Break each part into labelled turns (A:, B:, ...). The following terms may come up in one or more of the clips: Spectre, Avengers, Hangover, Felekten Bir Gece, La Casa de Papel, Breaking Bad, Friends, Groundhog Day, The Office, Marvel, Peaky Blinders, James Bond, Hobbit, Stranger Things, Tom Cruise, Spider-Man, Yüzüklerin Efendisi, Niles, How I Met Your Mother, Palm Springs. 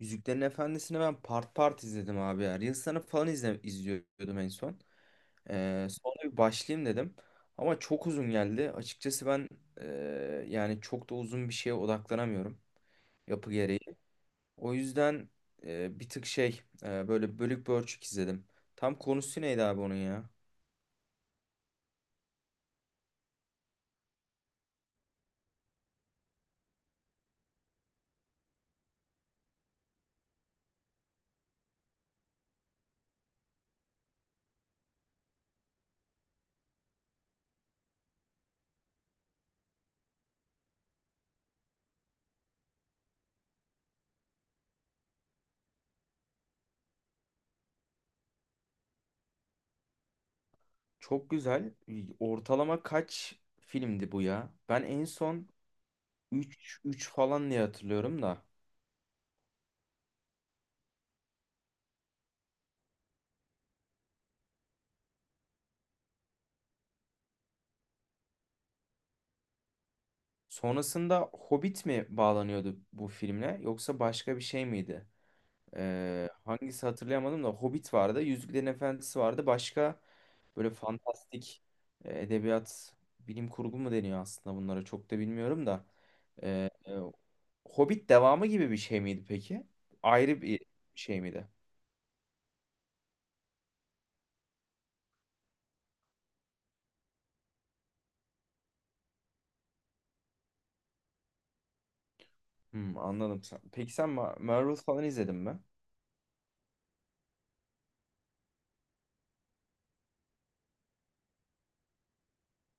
A: Yüzüklerin Efendisi'ni ben part part izledim abi ya. Reels'larını falan izliyordum en son. Sonra bir başlayayım dedim. Ama çok uzun geldi. Açıkçası ben e, yani çok da uzun bir şeye odaklanamıyorum yapı gereği. O yüzden bir tık böyle bölük pörçük izledim. Tam konusu neydi abi onun ya? Çok güzel. Ortalama kaç filmdi bu ya? Ben en son 3 3 falan diye hatırlıyorum da. Sonrasında Hobbit mi bağlanıyordu bu filmle yoksa başka bir şey miydi? Hangisi hatırlayamadım da Hobbit vardı, Yüzüklerin Efendisi vardı. Başka böyle fantastik edebiyat, bilim kurgu mu deniyor aslında bunlara çok da bilmiyorum da. Ee, e, Hobbit devamı gibi bir şey miydi peki? Ayrı bir şey miydi? Hmm, anladım. Peki sen Marvel falan izledin mi?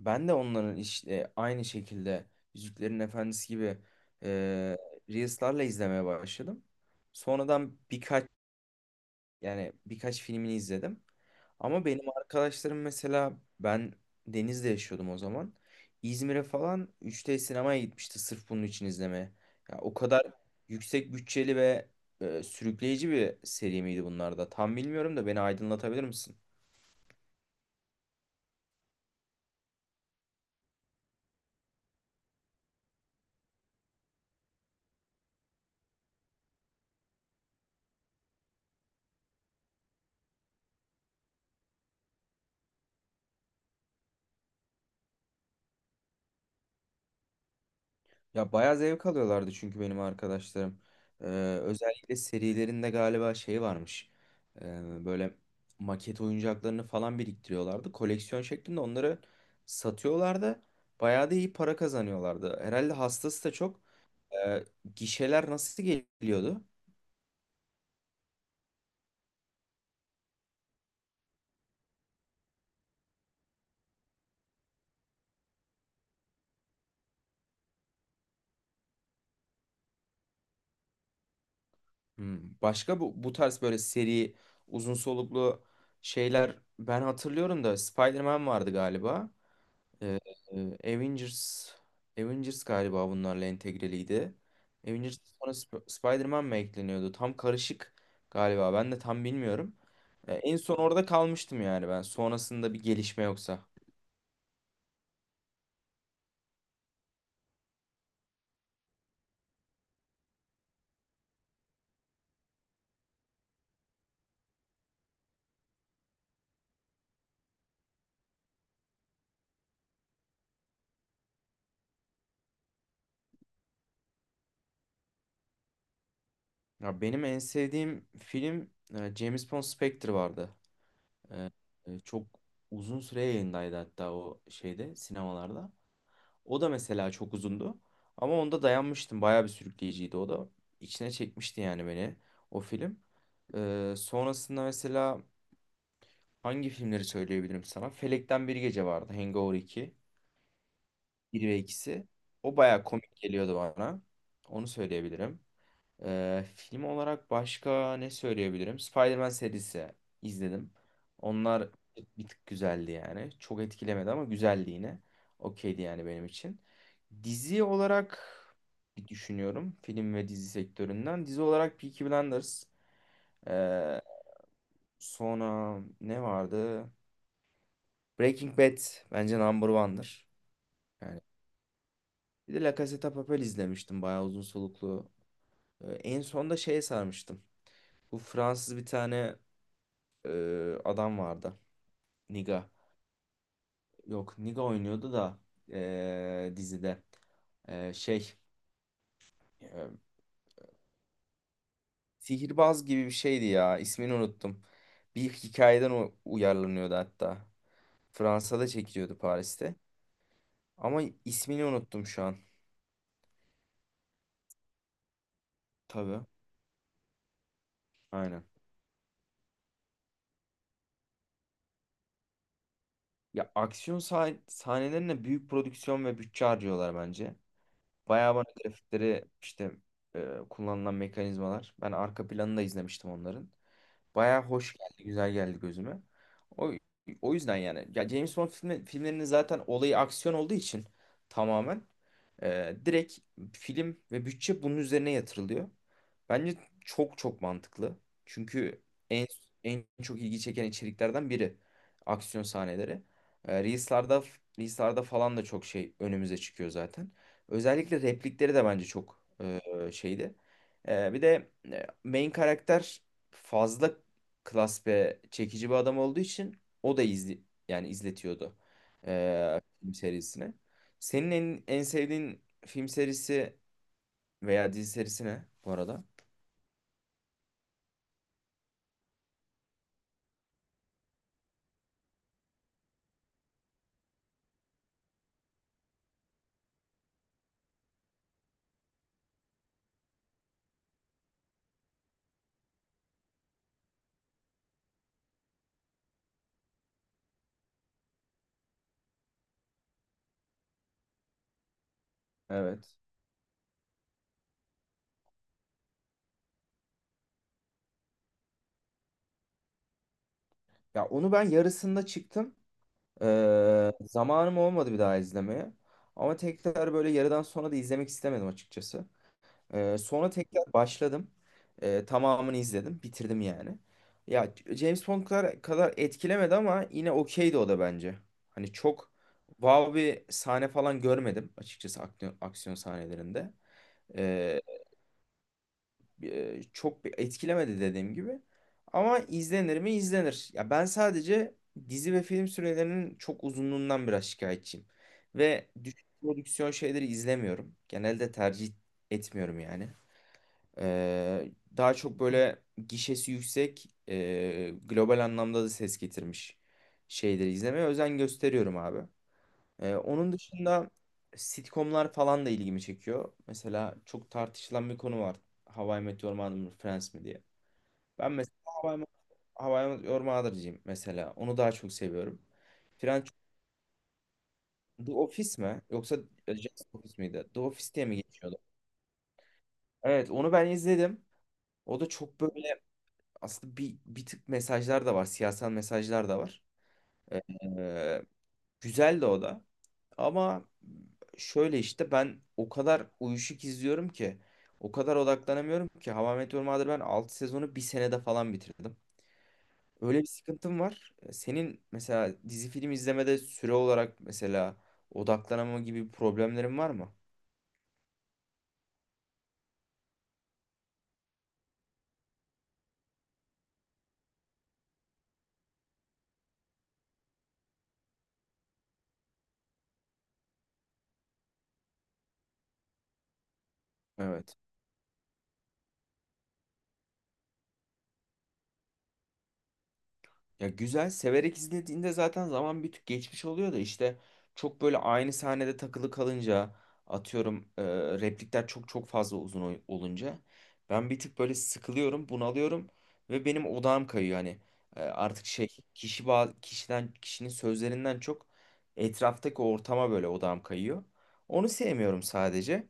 A: Ben de onların işte aynı şekilde Yüzüklerin Efendisi gibi e, Reels'larla izlemeye başladım. Sonradan yani birkaç filmini izledim. Ama benim arkadaşlarım mesela ben Deniz'de yaşıyordum o zaman. İzmir'e falan 3D sinemaya gitmişti sırf bunun için izlemeye. Ya o kadar yüksek bütçeli ve sürükleyici bir seri miydi bunlar da? Tam bilmiyorum da beni aydınlatabilir misin? Ya bayağı zevk alıyorlardı çünkü benim arkadaşlarım. Ee, Özellikle serilerinde galiba şey varmış. Böyle maket oyuncaklarını falan biriktiriyorlardı. Koleksiyon şeklinde onları satıyorlardı. Bayağı da iyi para kazanıyorlardı. Herhalde hastası da çok. Ee, Gişeler nasıl geliyordu? Hmm, başka bu tarz böyle seri uzun soluklu şeyler ben hatırlıyorum da Spider-Man vardı galiba. Ee, e, Avengers Avengers galiba bunlarla entegreliydi. Avengers sonra Spider-Man mı ekleniyordu? Tam karışık galiba. Ben de tam bilmiyorum. En son orada kalmıştım yani ben. Sonrasında bir gelişme yoksa. Ya benim en sevdiğim film James Bond Spectre vardı. Ee, Çok uzun süre yayındaydı hatta o şeyde sinemalarda. O da mesela çok uzundu. Ama onda dayanmıştım. Bayağı bir sürükleyiciydi o da. İçine çekmişti yani beni o film. Sonrasında mesela hangi filmleri söyleyebilirim sana? Felekten Bir Gece vardı. Hangover 2. Bir ve ikisi. O bayağı komik geliyordu bana. Onu söyleyebilirim. Film olarak başka ne söyleyebilirim? Spider-Man serisi izledim. Onlar bir tık güzeldi yani. Çok etkilemedi ama güzeldi yine. Okeydi yani benim için. Dizi olarak bir düşünüyorum. Film ve dizi sektöründen. Dizi olarak Peaky Blinders. Ee, Sonra ne vardı? Breaking Bad bence number one'dır. Yani bir de La Casa de Papel izlemiştim. Bayağı uzun soluklu. En son da şeye sarmıştım. Bu Fransız bir tane adam vardı. Niga. Yok Niga oynuyordu da dizide. E, şey e, Sihirbaz gibi bir şeydi ya. İsmini unuttum. Bir hikayeden uyarlanıyordu hatta. Fransa'da çekiliyordu Paris'te. Ama ismini unuttum şu an. Tabii. Aynen. Ya aksiyon sahnelerine büyük prodüksiyon ve bütçe harcıyorlar bence. Bayağı bana grafikleri işte kullanılan mekanizmalar. Ben arka planını da izlemiştim onların. Bayağı hoş geldi, güzel geldi gözüme. O, O yüzden yani. Ya James filmlerinin zaten olayı aksiyon olduğu için tamamen direkt film ve bütçe bunun üzerine yatırılıyor. Bence çok çok mantıklı. Çünkü en en çok ilgi çeken içeriklerden biri aksiyon sahneleri. E, Reels'larda Reels'larda falan da çok şey önümüze çıkıyor zaten. Özellikle replikleri de bence çok şeydi. Bir de main karakter fazla klas ve çekici bir adam olduğu için o da yani izletiyordu film serisine. Senin en sevdiğin film serisi veya dizi serisi ne bu arada? Evet. Ya onu ben yarısında çıktım. Zamanım olmadı bir daha izlemeye. Ama tekrar böyle yarıdan sonra da izlemek istemedim açıkçası. Sonra tekrar başladım. Tamamını izledim. Bitirdim yani. Ya James Bond kadar etkilemedi ama yine okeydi o da bence. Hani çok wow bir sahne falan görmedim açıkçası aksiyon sahnelerinde. Ee, Çok bir etkilemedi dediğim gibi. Ama izlenir mi? İzlenir. Ya ben sadece dizi ve film sürelerinin çok uzunluğundan biraz şikayetçiyim. Ve düşük prodüksiyon şeyleri izlemiyorum. Genelde tercih etmiyorum yani. Daha çok böyle gişesi yüksek, global anlamda da ses getirmiş şeyleri izlemeye özen gösteriyorum abi. Onun dışında sitcomlar falan da ilgimi çekiyor. Mesela çok tartışılan bir konu var. How I Met Your Mother mı, Friends mi diye. Ben mesela How I Met Your Mother'cıyım mesela. Onu daha çok seviyorum. Friends The Office mi? Yoksa Just Office miydi? The Office diye mi geçiyordu? Evet, onu ben izledim. O da çok böyle aslında bir tık mesajlar da var. Siyasal mesajlar da var. Ee, Güzel de o da. Ama şöyle işte ben o kadar uyuşuk izliyorum ki o kadar odaklanamıyorum ki Hava Meteor Mother'ı ben 6 sezonu bir senede falan bitirdim. Öyle bir sıkıntım var. Senin mesela dizi film izlemede süre olarak mesela odaklanama gibi bir problemlerin var mı? Evet. Ya güzel severek izlediğinde zaten zaman bir tık geçmiş oluyor da işte çok böyle aynı sahnede takılı kalınca atıyorum replikler çok çok fazla uzun olunca ben bir tık böyle sıkılıyorum, bunalıyorum ve benim odağım kayıyor hani. Artık şey, kişiden kişinin sözlerinden çok etraftaki ortama böyle odağım kayıyor. Onu sevmiyorum sadece.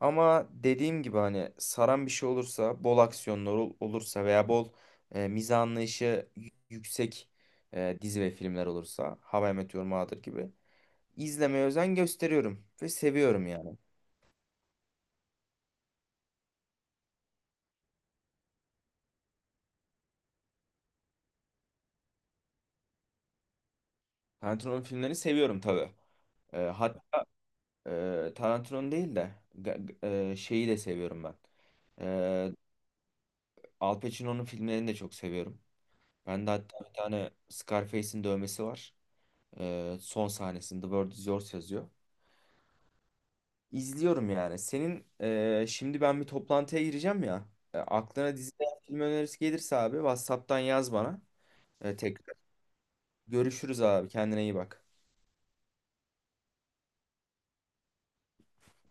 A: Ama dediğim gibi hani saran bir şey olursa, bol aksiyonlar olursa veya bol mizah anlayışı yüksek dizi ve filmler olursa How I Met Your Mother gibi izlemeye özen gösteriyorum ve seviyorum yani. Tarantino'nun filmlerini seviyorum tabii. E, hat, Tarantino'nun değil de şeyi de seviyorum ben. E, Al Pacino'nun filmlerini de çok seviyorum. Ben de hatta bir tane Scarface'in dövmesi var. Son sahnesinde The World Is Yours yazıyor. İzliyorum yani. Senin şimdi ben bir toplantıya gireceğim ya. Aklına dizi veya film önerisi gelirse abi WhatsApp'tan yaz bana. Tekrar görüşürüz abi. Kendine iyi bak.